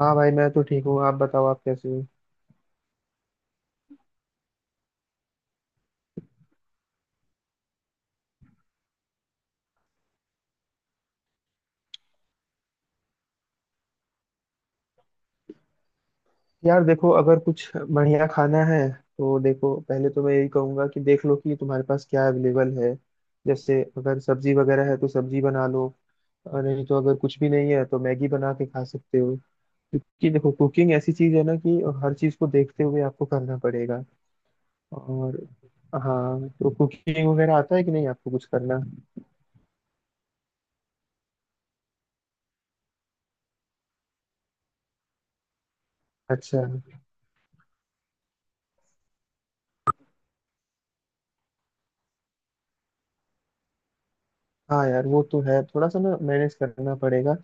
हाँ भाई, मैं तो ठीक हूँ। आप बताओ, आप कैसे हो? यार देखो, अगर कुछ बढ़िया खाना है तो देखो, पहले तो मैं यही कहूंगा कि देख लो कि तुम्हारे पास क्या अवेलेबल है। जैसे अगर सब्जी वगैरह है तो सब्जी बना लो। और नहीं तो अगर कुछ भी नहीं है तो मैगी बना के खा सकते हो। क्योंकि देखो, कुकिंग ऐसी चीज है ना कि हर चीज को देखते हुए आपको करना पड़ेगा। और हाँ, तो कुकिंग वगैरह आता है कि नहीं आपको कुछ करना? अच्छा। हाँ यार, वो तो है, थोड़ा सा ना मैनेज करना पड़ेगा।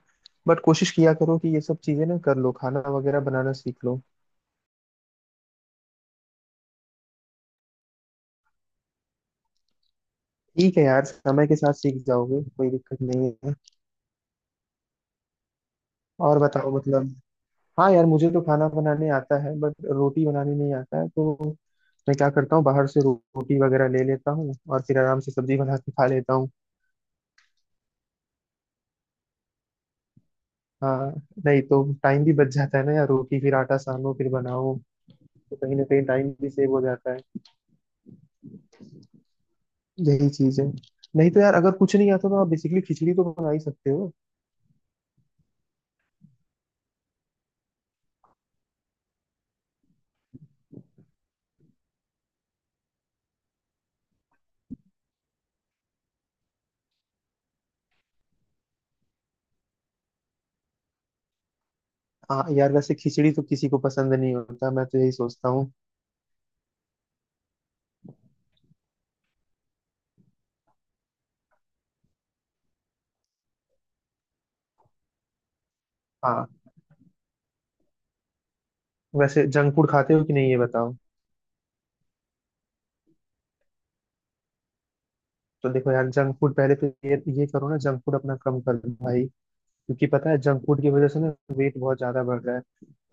बट कोशिश किया करो कि ये सब चीजें ना कर लो, खाना वगैरह बनाना सीख लो। ठीक है यार, समय के साथ सीख जाओगे, कोई दिक्कत नहीं है। और बताओ मतलब। हाँ यार, मुझे तो खाना बनाने आता है, बट रोटी बनाने नहीं आता है तो मैं क्या करता हूँ, बाहर से रोटी वगैरह ले लेता हूँ और फिर आराम से सब्जी बना के खा लेता हूँ। हाँ। नहीं तो टाइम भी बच जाता है ना यार, रोटी फिर आटा सानो फिर बनाओ। तो कहीं ना कहीं टाइम भी सेव हो जाता है। यही चीज है। नहीं तो यार, अगर कुछ नहीं आता तो आप बेसिकली खिचड़ी तो बना ही सकते हो। हाँ यार, वैसे खिचड़ी तो किसी को पसंद नहीं होता, मैं तो यही सोचता हूँ। हाँ। वैसे जंक फूड खाते हो कि नहीं, ये बताओ? तो देखो यार, जंक फूड पहले तो ये करो ना, जंक फूड अपना कम कर दो भाई। क्योंकि पता है जंक फूड की वजह से ना वेट बहुत ज्यादा बढ़ रहा है।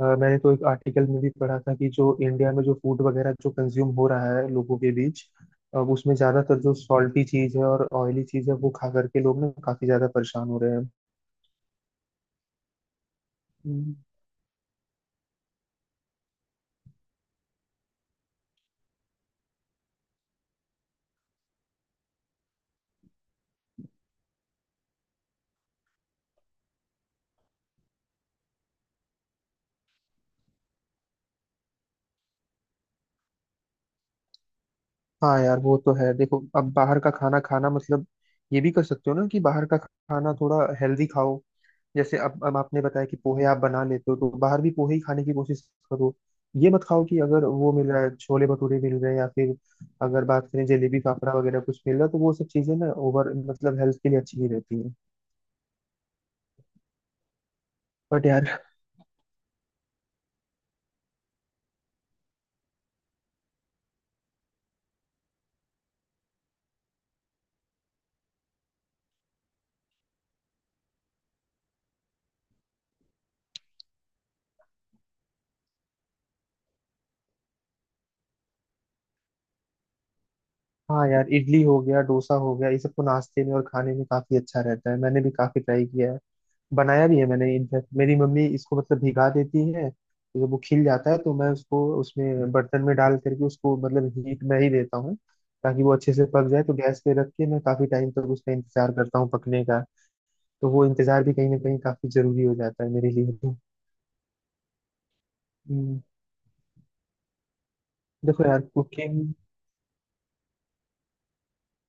मैंने तो एक आर्टिकल में भी पढ़ा था कि जो इंडिया में जो फूड वगैरह जो कंज्यूम हो रहा है लोगों के बीच, अब उसमें ज्यादातर जो सॉल्टी चीज है और ऑयली चीज है, वो खा करके लोग ना काफी ज्यादा परेशान हो रहे हैं। हाँ यार, वो तो है। देखो, अब बाहर का खाना खाना मतलब, ये भी कर सकते हो ना कि बाहर का खाना थोड़ा हेल्दी खाओ। जैसे अब आपने बताया कि पोहे आप बना लेते हो, तो बाहर भी पोहे ही खाने की कोशिश करो। ये मत खाओ कि अगर वो मिल रहा है, छोले भटूरे मिल रहे हैं या फिर अगर बात करें जलेबी फाफड़ा वगैरह कुछ मिल रहा है, तो वो सब चीजें ना ओवर मतलब हेल्थ के लिए अच्छी नहीं रहती है। बट यार। हाँ यार, इडली हो गया, डोसा हो गया, ये सब तो नाश्ते में और खाने में काफी अच्छा रहता है, मैंने भी काफी ट्राई किया है। बनाया भी है मैंने। इनफैक्ट मेरी मम्मी इसको मतलब भिगा देती है, तो जब वो खिल जाता है तो मैं उसको उसमें बर्तन में डाल करके उसको मतलब हीट में ही देता हूँ। ताकि वो अच्छे से पक जाए, तो गैस पे रख के मैं काफी टाइम तक उसका इंतजार करता हूँ पकने का। तो वो इंतजार भी कहीं ना कहीं काफी जरूरी हो जाता है मेरे लिए तो। हम्म। देखो यार, कुकिंग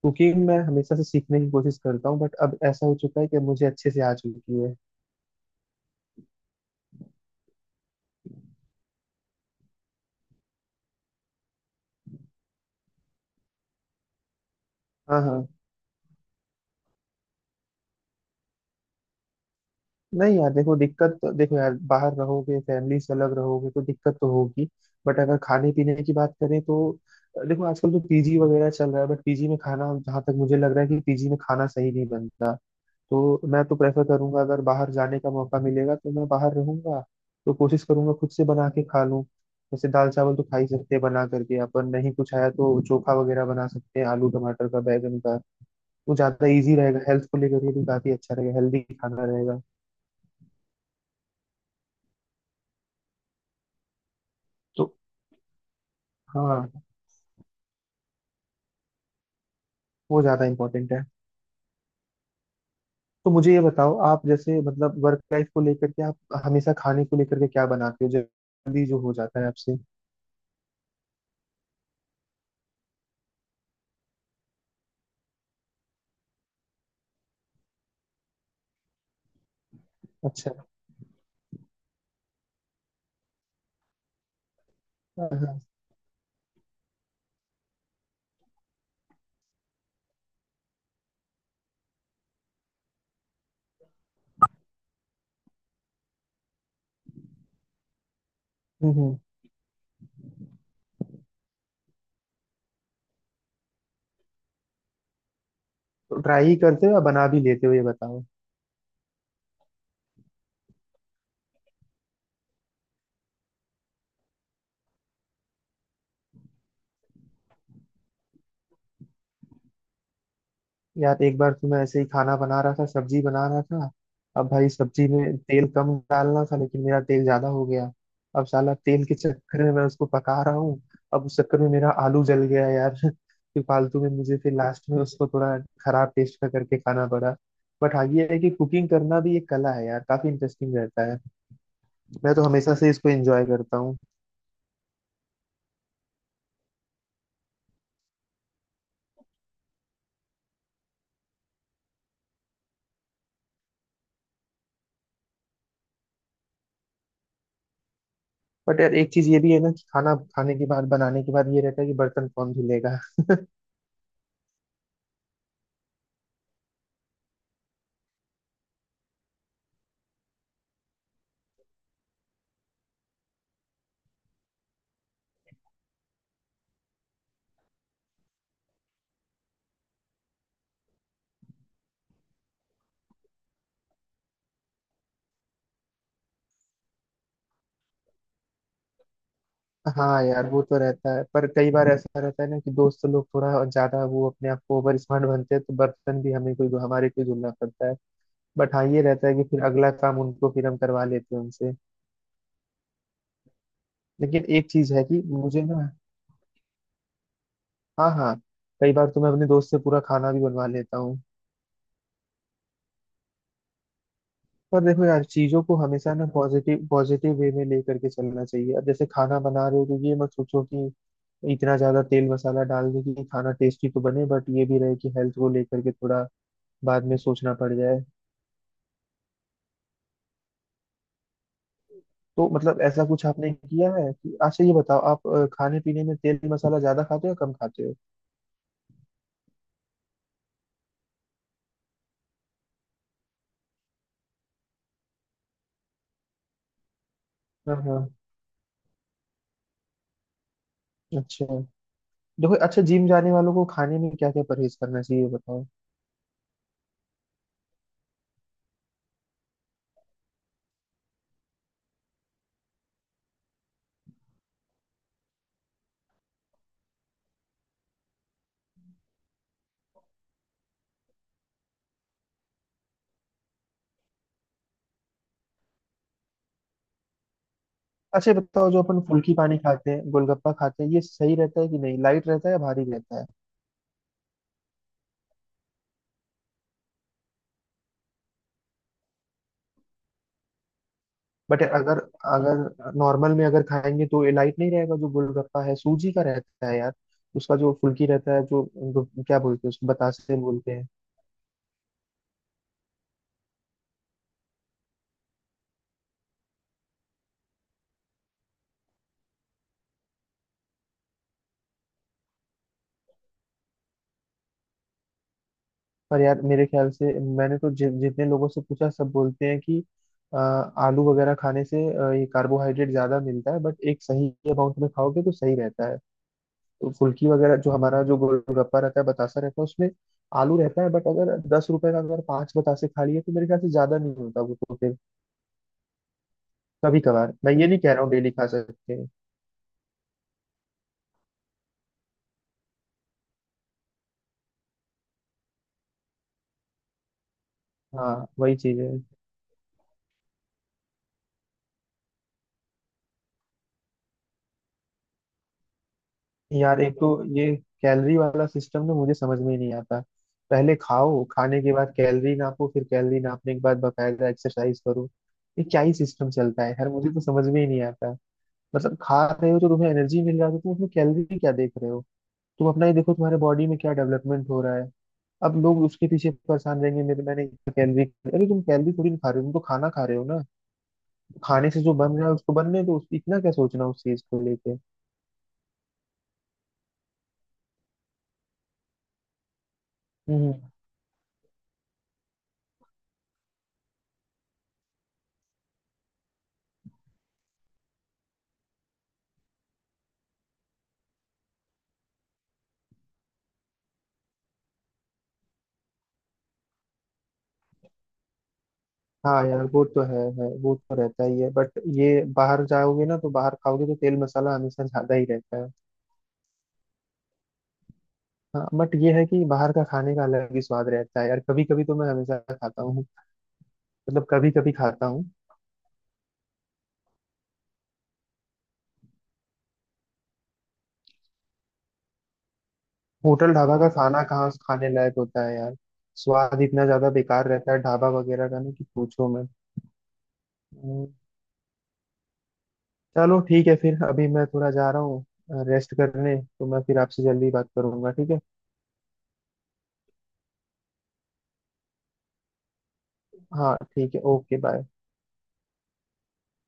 कुकिंग मैं हमेशा से सीखने की कोशिश करता हूँ, बट अब ऐसा हो चुका है कि मुझे अच्छे से आ चुकी है। हाँ, हाँ। नहीं यार, देखो, देखो यार, बाहर रहोगे, फैमिली से अलग रहोगे तो दिक्कत तो होगी। बट अगर खाने पीने की बात करें तो देखो, आजकल तो पीजी वगैरह चल रहा है, बट पीजी में खाना, जहाँ तक मुझे लग रहा है कि पीजी में खाना सही नहीं बनता। तो मैं तो प्रेफर करूंगा, अगर बाहर जाने का मौका मिलेगा तो मैं बाहर रहूंगा। तो कोशिश करूंगा खुद से बना के खा लूँ। जैसे दाल चावल तो खा ही सकते हैं बना करके अपन, नहीं कुछ आया तो चोखा वगैरह बना सकते हैं, आलू टमाटर का, बैंगन का। वो ज्यादा इजी रहेगा, हेल्थ को लेकर के भी काफी अच्छा रहेगा, हेल्दी खाना रहेगा। तो। हाँ। वो ज्यादा इंपॉर्टेंट है। तो मुझे ये बताओ, आप जैसे मतलब वर्क लाइफ को लेकर के आप हमेशा खाने को लेकर के क्या बनाते हो जल्दी जो हो जाता है आपसे? अच्छा। हाँ, हाँ। हम्म, हम्म। तो ट्राई ही करते हो या बना भी लेते हो, ये बताओ? यार एक बार तो मैं ऐसे ही खाना बना रहा था, सब्जी बना रहा था। अब भाई, सब्जी में तेल कम डालना था लेकिन मेरा तेल ज्यादा हो गया। अब साला तेल के चक्कर में मैं उसको पका रहा हूँ। अब उस चक्कर में मेरा आलू जल गया यार। फिर फालतू में मुझे फिर लास्ट में उसको थोड़ा खराब टेस्ट का करके खाना पड़ा। बट हाँ, ये है कि कुकिंग करना भी एक कला है यार, काफी इंटरेस्टिंग रहता है। मैं तो हमेशा से इसको एंजॉय करता हूँ। बट यार, एक चीज ये भी है ना कि खाना खाने के बाद, बनाने के बाद, ये रहता है कि बर्तन कौन धुलेगा? हाँ यार, वो तो रहता है, पर कई बार ऐसा रहता है ना कि दोस्त लोग थोड़ा ज्यादा वो अपने आप को ओवर स्मार्ट बनते हैं, तो बर्तन भी हमें कोई, हमारे कोई धुलना पड़ता है। बट हाँ, ये रहता है कि फिर अगला काम उनको फिर हम करवा लेते हैं उनसे। लेकिन एक चीज है कि मुझे ना, हाँ, हाँ, कई बार तो मैं अपने दोस्त से पूरा खाना भी बनवा लेता हूँ। पर देखो यार, चीजों को हमेशा ना पॉजिटिव पॉजिटिव वे में लेकर के चलना चाहिए। अब जैसे खाना बना रहे हो तो ये मत सोचो कि इतना ज्यादा तेल मसाला डाल दे कि खाना टेस्टी तो बने, बट ये भी रहे कि हेल्थ को लेकर के थोड़ा बाद में सोचना पड़ जाए। तो मतलब ऐसा कुछ आपने किया है कि अच्छा ये बताओ, आप खाने पीने में तेल मसाला ज्यादा खाते हो या कम खाते हो? हाँ, हाँ। अच्छा। देखो, अच्छा, जिम जाने वालों को खाने में क्या क्या परहेज करना चाहिए, ये बताओ? अच्छा ये बताओ, जो अपन फुल्की पानी खाते हैं, गोलगप्पा खाते हैं, ये सही रहता है कि नहीं, लाइट रहता है या भारी रहता है? बट अगर, अगर नॉर्मल में अगर खाएंगे तो ये लाइट नहीं रहेगा। जो गोलगप्पा है सूजी का रहता है यार। उसका जो फुल्की रहता है, जो जो क्या बोलते हैं उसको बतासे बोलते हैं। पर यार मेरे ख्याल से, मैंने तो जितने लोगों से पूछा सब बोलते हैं कि आलू वगैरह खाने से ये कार्बोहाइड्रेट ज्यादा मिलता है, बट एक सही अमाउंट में खाओगे तो सही रहता है। तो फुल्की वगैरह जो हमारा जो गोलगप्पा रहता है, बतासा रहता है, उसमें आलू रहता है, बट अगर 10 रुपए का अगर पांच बतासे खा लिए तो मेरे ख्याल से ज्यादा नहीं होता, वो तो फिर कभी कभार, मैं ये नहीं कह रहा हूँ डेली खा सकते हैं। हाँ, वही चीज है। यार एक तो ये कैलोरी वाला सिस्टम ना मुझे समझ में ही नहीं आता। पहले खाओ, खाने के बाद कैलोरी नापो, फिर कैलोरी नापने के बाद बकायदा एक्सरसाइज करो। ये क्या ही सिस्टम चलता है यार, मुझे तो समझ में ही नहीं आता। मतलब खा रहे हो तो तुम्हें एनर्जी मिल रहा है, तो तुम उसमें कैलोरी क्या देख रहे हो? तुम अपना ही देखो, तुम्हारे बॉडी में क्या डेवलपमेंट हो रहा है। अब लोग उसके पीछे परेशान रहेंगे, मेरे मैंने कैलोरी। अरे तुम कैलोरी थोड़ी ना खा रहे हो, तुम तो खाना खा रहे हो ना। खाने से जो बन रहा है उसको बनने दो, इतना क्या सोचना उस चीज को लेके। हम्म। हाँ यार, वो तो है वो तो रहता ही है, बट ये बाहर जाओगे ना तो बाहर खाओगे तो तेल मसाला हमेशा ज्यादा ही रहता है। हाँ, बट ये है कि बाहर का खाने का अलग ही स्वाद रहता है यार, कभी कभी तो मैं हमेशा खाता हूँ। मतलब कभी कभी खाता हूँ। होटल ढाबा का खाना कहाँ खाने लायक होता है यार। स्वाद इतना ज्यादा बेकार रहता है ढाबा वगैरह का, ना कि पूछो मैं। चलो, ठीक है फिर, अभी मैं थोड़ा जा रहा हूँ रेस्ट करने, तो मैं फिर आपसे जल्दी बात करूंगा, ठीक है? हाँ, ठीक है, ओके, बाय।